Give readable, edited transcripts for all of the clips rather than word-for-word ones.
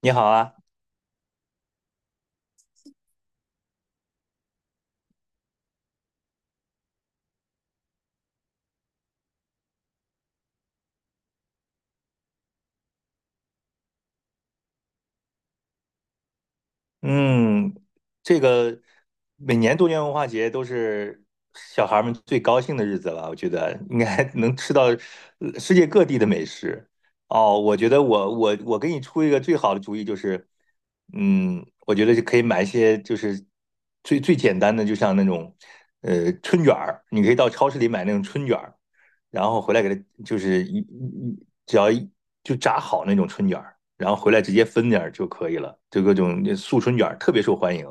你好啊，嗯，这个每年多元文化节都是小孩儿们最高兴的日子了，我觉得应该 能吃到世界各地的美食。哦，我觉得我给你出一个最好的主意，就是，我觉得就可以买一些就是最最简单的，就像那种春卷儿，你可以到超市里买那种春卷儿，然后回来给它就是一一一只要一就炸好那种春卷儿。然后回来直接分点儿就可以了。就各种素春卷特别受欢迎，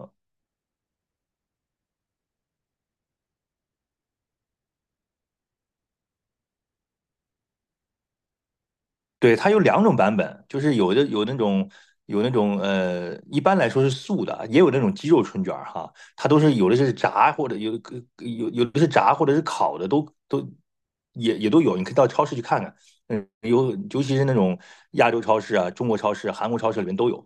对，它有两种版本，就是有的有那种一般来说是素的，也有那种鸡肉春卷儿哈，它都是有的是炸或者是烤的，都也都有，你可以到超市去看看，尤其是那种亚洲超市啊、中国超市、韩国超市里面都有。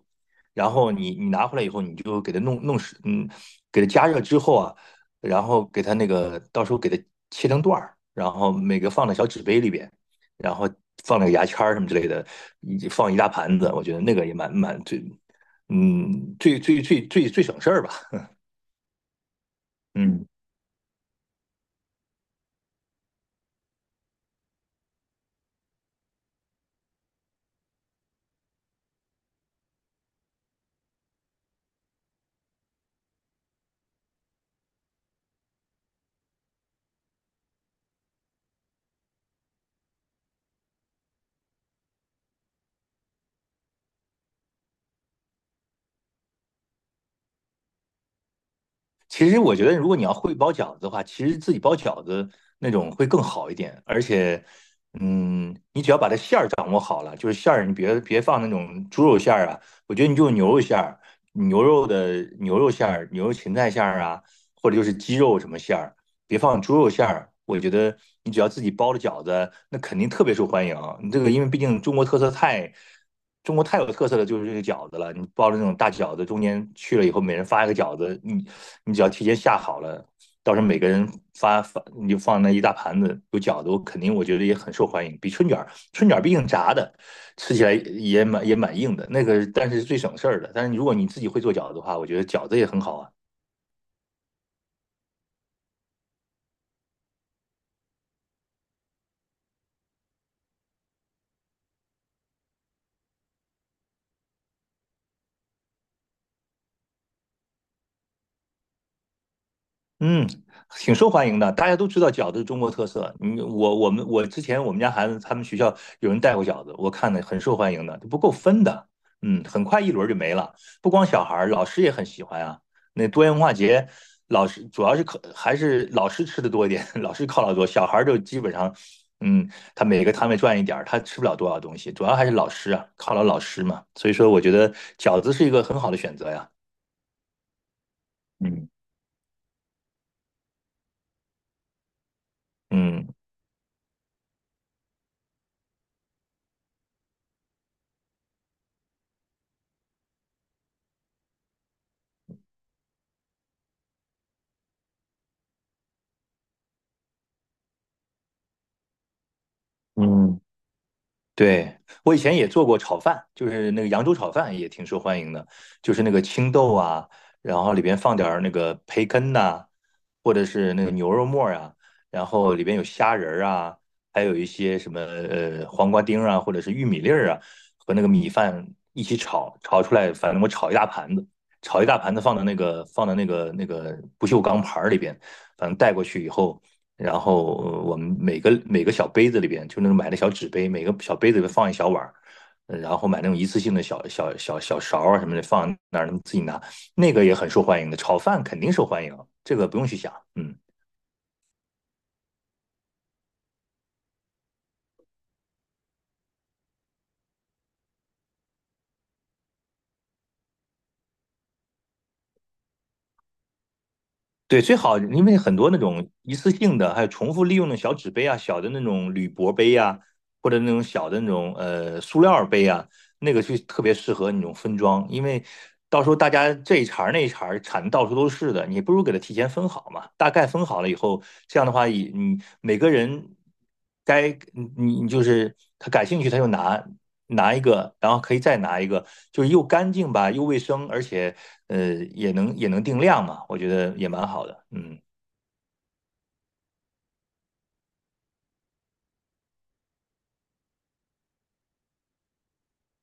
然后你拿回来以后，你就给它弄弄湿给它加热之后啊，然后给它那个到时候给它切成段儿，然后每个放到小纸杯里边。然后放那个牙签儿什么之类的，以放一大盘子，我觉得那个也蛮最最最最最省事儿吧。嗯，其实我觉得如果你要会包饺子的话，其实自己包饺子那种会更好一点，而且。你只要把这馅儿掌握好了，就是馅儿，你别放那种猪肉馅儿啊，我觉得你就牛肉馅儿、牛肉的牛肉馅儿、牛肉芹菜馅儿啊，或者就是鸡肉什么馅儿，别放猪肉馅儿，我觉得你只要自己包的饺子，那肯定特别受欢迎。你这个因为毕竟中国特色菜，中国太有特色的就是这个饺子了。你包的那种大饺子，中间去了以后，每人发一个饺子，你只要提前下好了，到时候每个人发，你就放那一大盘子有饺子，我肯定我觉得也很受欢迎。比春卷儿，春卷儿毕竟炸的，吃起来也蛮硬的，那个但是最省事儿的。但是如果你自己会做饺子的话，我觉得饺子也很好啊。嗯，挺受欢迎的，大家都知道饺子是中国特色。嗯，我之前我们家孩子他们学校有人带过饺子，我看的很受欢迎的，不够分的。很快一轮就没了。不光小孩儿，老师也很喜欢啊。那多元文化节，老师主要是靠还是老师吃的多一点，老师犒劳多，小孩儿就基本上，他每个摊位赚一点儿，他吃不了多少东西，主要还是老师啊，犒劳老师嘛。所以说，我觉得饺子是一个很好的选择呀。嗯嗯。嗯。对，我以前也做过炒饭，就是那个扬州炒饭也挺受欢迎的，就是那个青豆啊，然后里边放点儿那个培根呐、或者是那个牛肉末儿啊，然后里边有虾仁儿啊，还有一些什么黄瓜丁儿啊，或者是玉米粒儿啊，和那个米饭一起炒，炒出来，反正我炒一大盘子，炒一大盘子放到那个不锈钢盘儿里边，反正带过去以后，然后我们每个小杯子里边，就那种买的小纸杯，每个小杯子里边放一小碗儿，然后买那种一次性的小勺啊什么的放那儿，能自己拿，那个也很受欢迎的，炒饭肯定受欢迎，这个不用去想，嗯。对，最好，因为很多那种一次性的，还有重复利用的小纸杯啊、小的那种铝箔杯啊，或者那种小的那种塑料杯啊，那个就特别适合那种分装，因为到时候大家这一茬儿那一茬儿产的到处都是的，你不如给它提前分好嘛。大概分好了以后，这样的话，以你每个人该你就是他感兴趣，他就拿一个，然后可以再拿一个，就是又干净吧，又卫生，而且也能定量嘛，我觉得也蛮好的。嗯，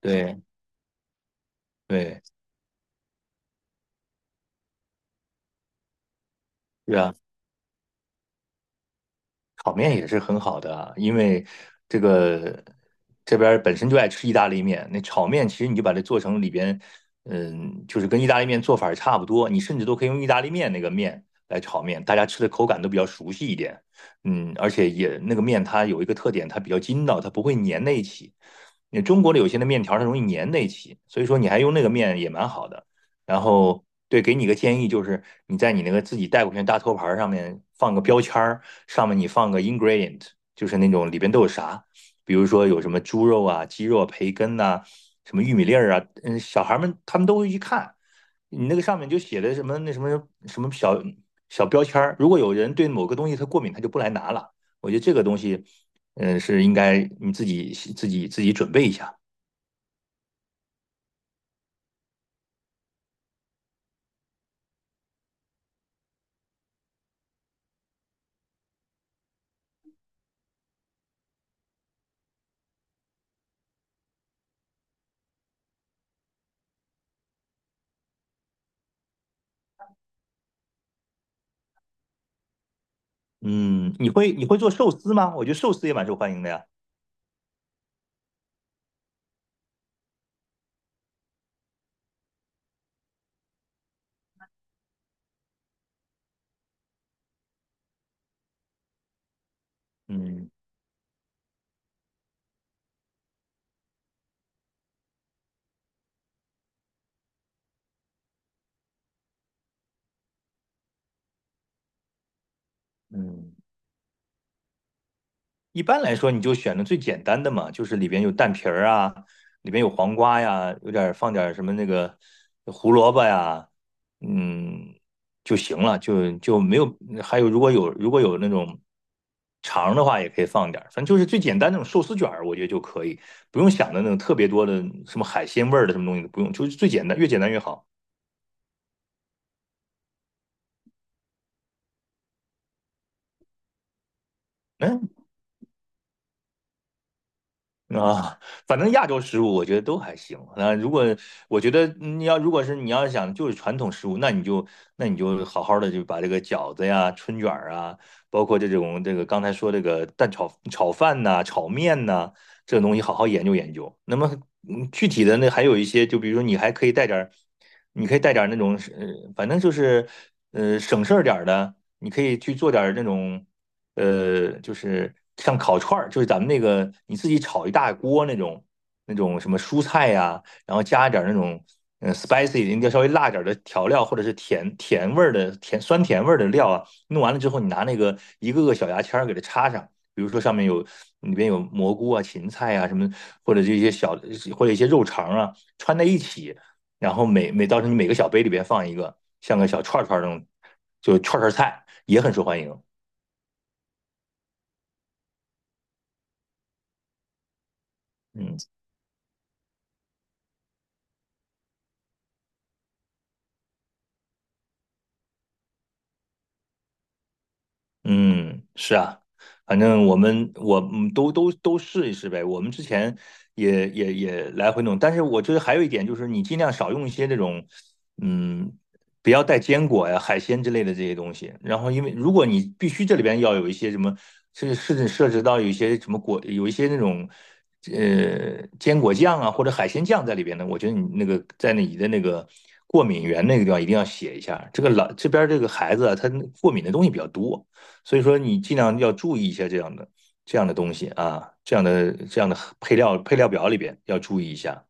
对对，是啊。炒面也是很好的啊，因为这个这边儿本身就爱吃意大利面，那炒面其实你就把它做成里边，就是跟意大利面做法儿差不多，你甚至都可以用意大利面那个面来炒面，大家吃的口感都比较熟悉一点，而且也那个面它有一个特点，它比较筋道，它不会粘在一起。你中国的有些的面条儿它容易粘在一起，所以说你还用那个面也蛮好的。然后对，给你个建议，就是你在你那个自己带过去的大托盘上面放个标签儿，上面你放个 ingredient，就是那种里边都有啥，比如说有什么猪肉啊、鸡肉啊、培根呐、什么玉米粒儿啊，小孩们他们都会去看。你那个上面就写的什么那什么什么小小标签儿，如果有人对某个东西他过敏，他就不来拿了。我觉得这个东西，是应该你自己准备一下。嗯，你会做寿司吗？我觉得寿司也蛮受欢迎的呀。嗯嗯，一般来说，你就选的最简单的嘛，就是里边有蛋皮儿啊，里边有黄瓜呀，有点儿放点儿什么那个胡萝卜呀，嗯，就行了，就没有。还有，如果有那种肠的话，也可以放点儿，反正就是最简单那种寿司卷儿，我觉得就可以，不用想的那种特别多的什么海鲜味儿的什么东西都不用，就是最简单，越简单越好。嗯。啊，反正亚洲食物我觉得都还行。那如果我觉得你要如果是你要想就是传统食物，那你就好好的就把这个饺子呀、春卷儿啊，包括这种这个刚才说这个蛋炒饭呐、炒面呐、这种东西好好研究研究。那么具体的那还有一些，就比如说你还可以带点儿，你可以带点儿那种，反正就是省事儿点儿的，你可以去做点儿那种。就是像烤串儿，就是咱们那个你自己炒一大锅那种什么蔬菜呀、然后加一点儿那种spicy，你要稍微辣点儿的调料，或者是甜甜味儿的甜酸甜味儿的料啊，弄完了之后，你拿那个一个个小牙签儿给它插上，比如说上面有里边有蘑菇啊、芹菜啊什么，或者这些小或者一些肉肠啊穿在一起，然后到时候你每个小杯里边放一个，像个小串儿串儿那种，就串儿串儿菜也很受欢迎，嗯。嗯，是啊，反正我们都试一试呗。我们之前也来回弄，但是我觉得还有一点就是，你尽量少用一些那种，嗯，不要带坚果呀、海鲜之类的这些东西。然后，因为如果你必须这里边要有一些什么，甚至涉及到有一些什么果，有一些那种坚果酱啊或者海鲜酱在里边呢，我觉得你那个在你的那个过敏源那个地方一定要写一下。这个老这边这个孩子啊，他过敏的东西比较多。所以说你尽量要注意一下这样的东西啊，这样的配料表里边要注意一下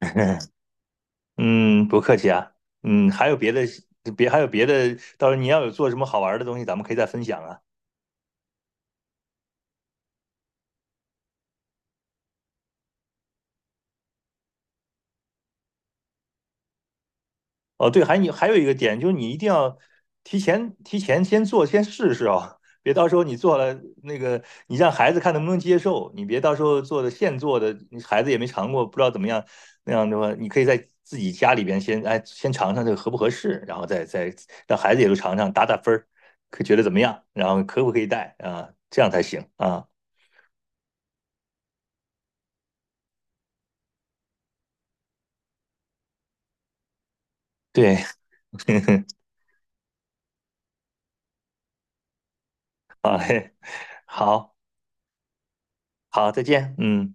嗯，不客气啊。嗯，还有别的还有别的，到时候你要有做什么好玩的东西，咱们可以再分享啊。哦，对，你还有一个点，就是你一定要提前先做，先试试啊，别到时候你做了那个，你让孩子看能不能接受，你别到时候做的现做的，你孩子也没尝过，不知道怎么样，那样的话，你可以在自己家里边先尝尝这个合不合适，然后再让孩子也都尝尝，打打分儿，可觉得怎么样，然后可不可以带啊，这样才行啊。对，好嘞好好，再见，嗯。